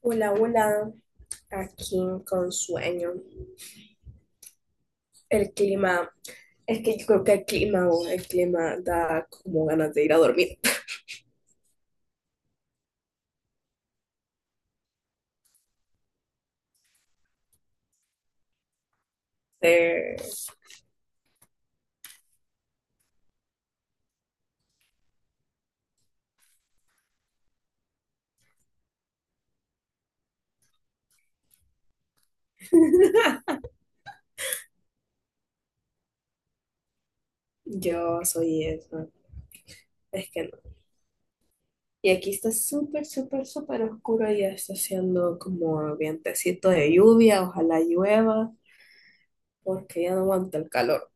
Hola, hola, aquí con sueño. El clima, es que yo creo que el clima, o el clima da como ganas de ir a dormir. Eh, yo soy eso, es que no. Y aquí está súper, súper, súper oscuro y ya está haciendo como vientecito de lluvia, ojalá llueva, porque ya no aguanta el calor.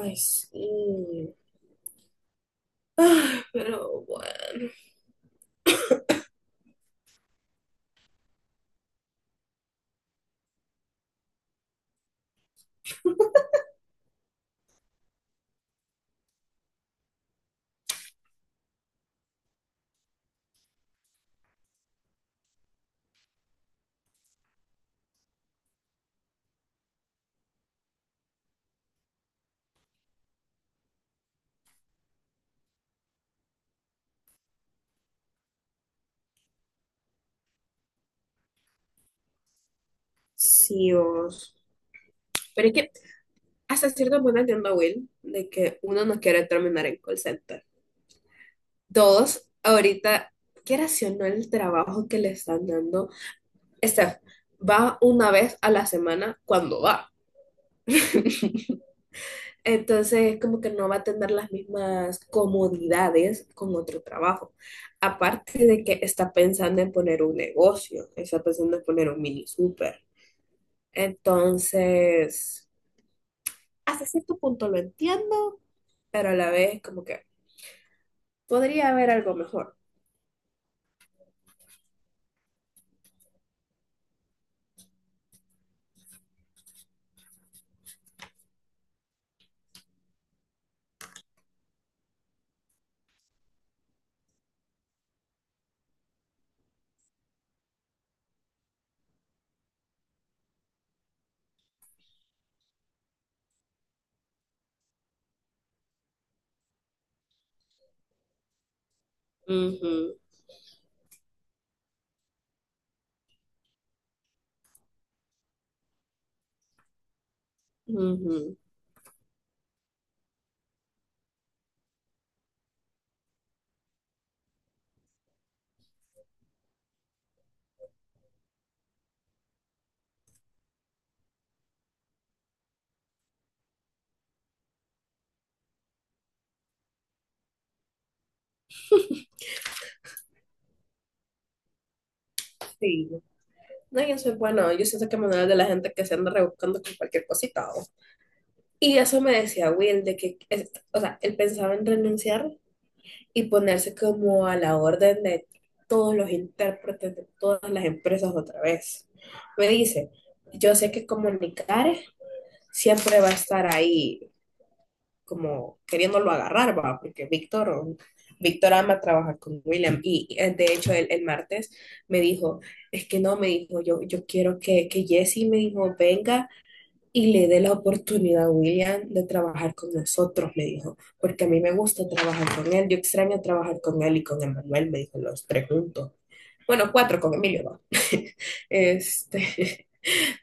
Ay, sí. Ay, pero bueno, sí, vos. Pero es que hasta cierto punto entiendo a Will de que uno no quiere terminar en call center. Dos ahorita, quieras o no el trabajo que le están dando, Steph va una vez a la semana cuando va. Entonces, como que no va a tener las mismas comodidades con otro trabajo. Aparte de que está pensando en poner un negocio, está pensando en poner un mini súper. Entonces, hasta cierto punto lo entiendo, pero a la vez como que podría haber algo mejor. Ujú, ujú. Sí. No, yo soy bueno, yo siento que Manuel de la gente que se anda rebuscando con cualquier cosita. ¿O? Y eso me decía Will, de que, o sea, él pensaba en renunciar y ponerse como a la orden de todos los intérpretes de todas las empresas otra vez. Me dice, yo sé que comunicar siempre va a estar ahí como queriéndolo agarrar, va, porque Víctor, Víctor ama trabajar con William y de hecho el martes me dijo, es que no, me dijo, yo quiero que Jesse, me dijo, venga y le dé la oportunidad a William de trabajar con nosotros, me dijo, porque a mí me gusta trabajar con él, yo extraño trabajar con él y con Emanuel, me dijo, los tres juntos. Bueno, cuatro con Emilio, va. Este,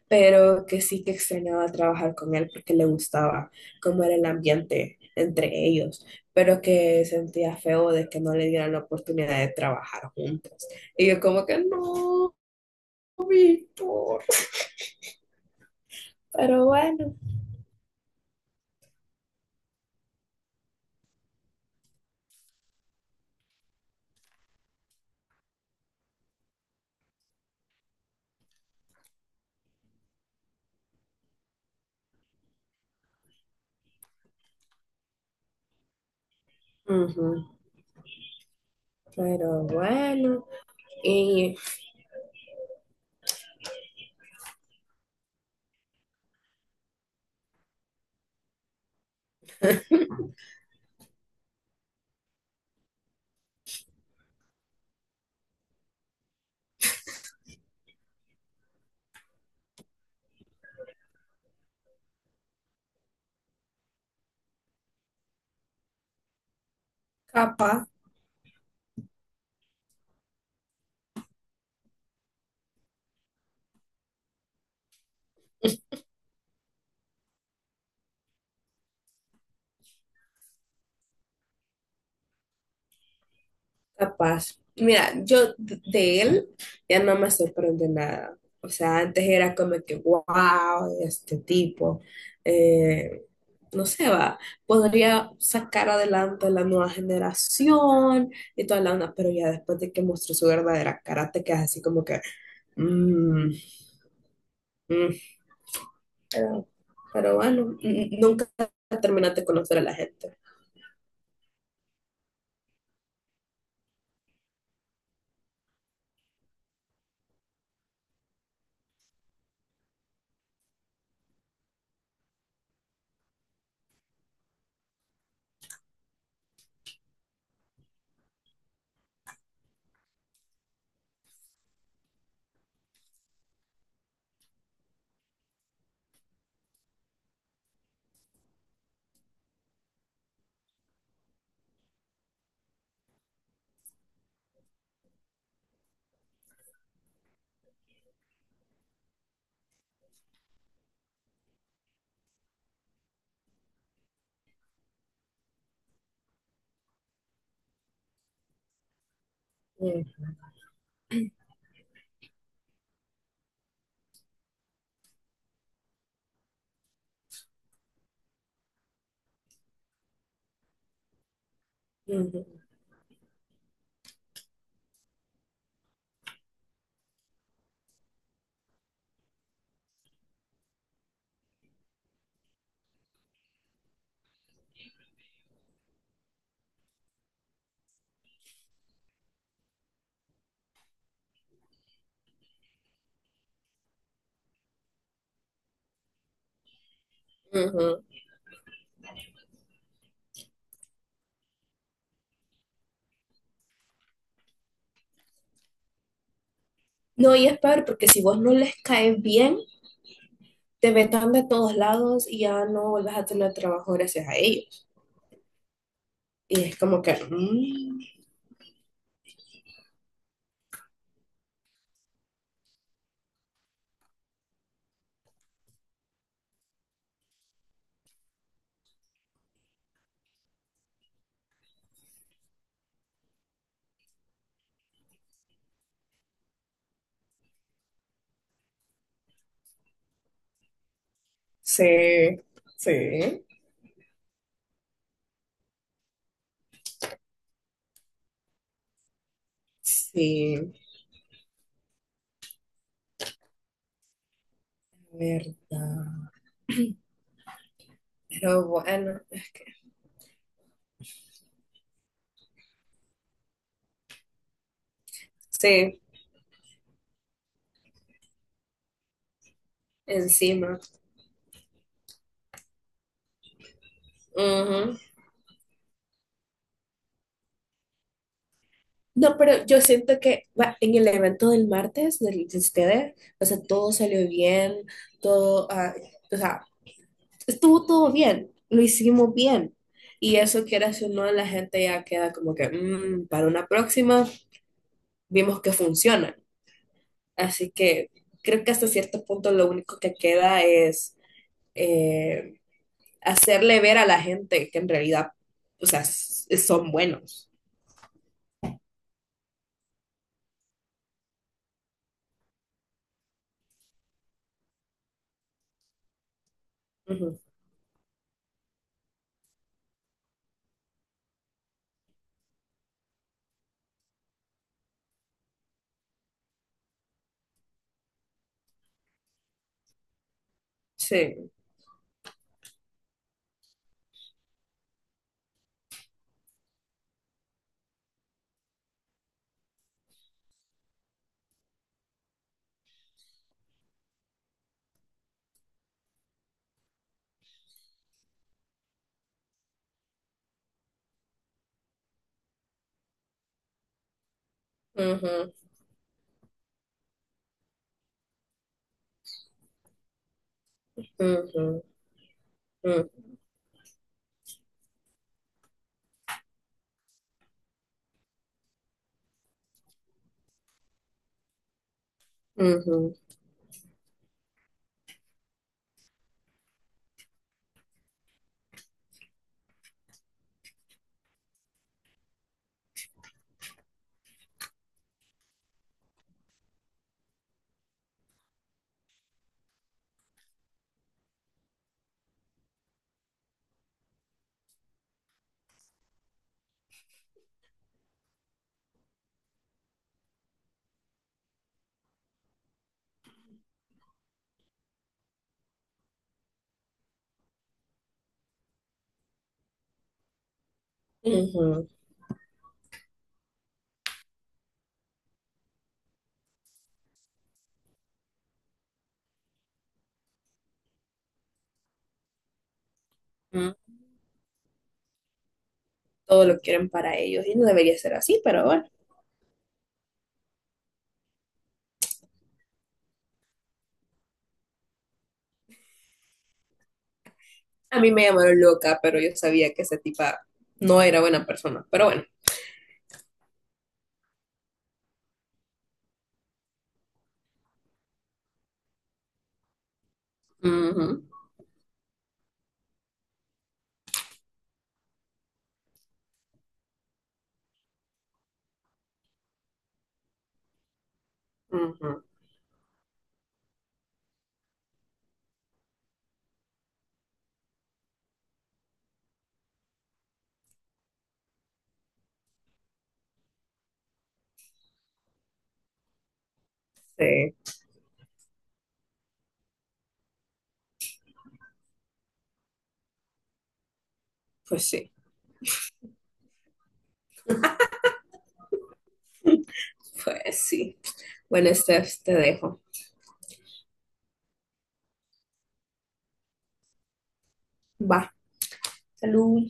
pero que sí que extrañaba trabajar con él porque le gustaba cómo era el ambiente entre ellos, pero que sentía feo de que no le dieran la oportunidad de trabajar juntos. Y yo como que no, Víctor, pero bueno. Ujú, pero bueno, y capaz. Capaz. Mira, yo de él ya no me sorprende nada. O sea, antes era como que, wow, este tipo, eh, no sé, va, podría sacar adelante la nueva generación y toda la onda, pero ya después de que mostró su verdadera cara, te quedas así como que, mm, mm, pero, pero bueno, nunca terminaste de conocer a la gente. Mm, ujú, ujú. No, y es peor porque si vos no les caes bien, te vetan de todos lados y ya no vuelvas a tener trabajo gracias a ellos. Y es como que, mm, sí, sí, sí, verdad. Pero bueno, es que sí, encima. Ujú. No, pero yo siento que va, en el evento del martes, del, de ustedes, o sea, todo salió bien, todo, ah, o sea, estuvo todo bien, lo hicimos bien. Y eso que era si no, la gente ya queda como que, "Mm, para una próxima, vimos que funcionan. Así que creo que hasta cierto punto lo único que queda es eh, hacerle ver a la gente que en realidad, o sea, son buenos. Ujú. Sí. Ujú, ujú, ujú, ujú, ujú, ujú. Todo lo quieren para ellos y no debería ser así, pero bueno. A mí me llamaron loca, pero yo sabía que esa tipa no era buena persona, pero bueno. Ujú, ujú, sí, pues sí, pues sí. Bueno, Steph, te dejo. Va. Salud.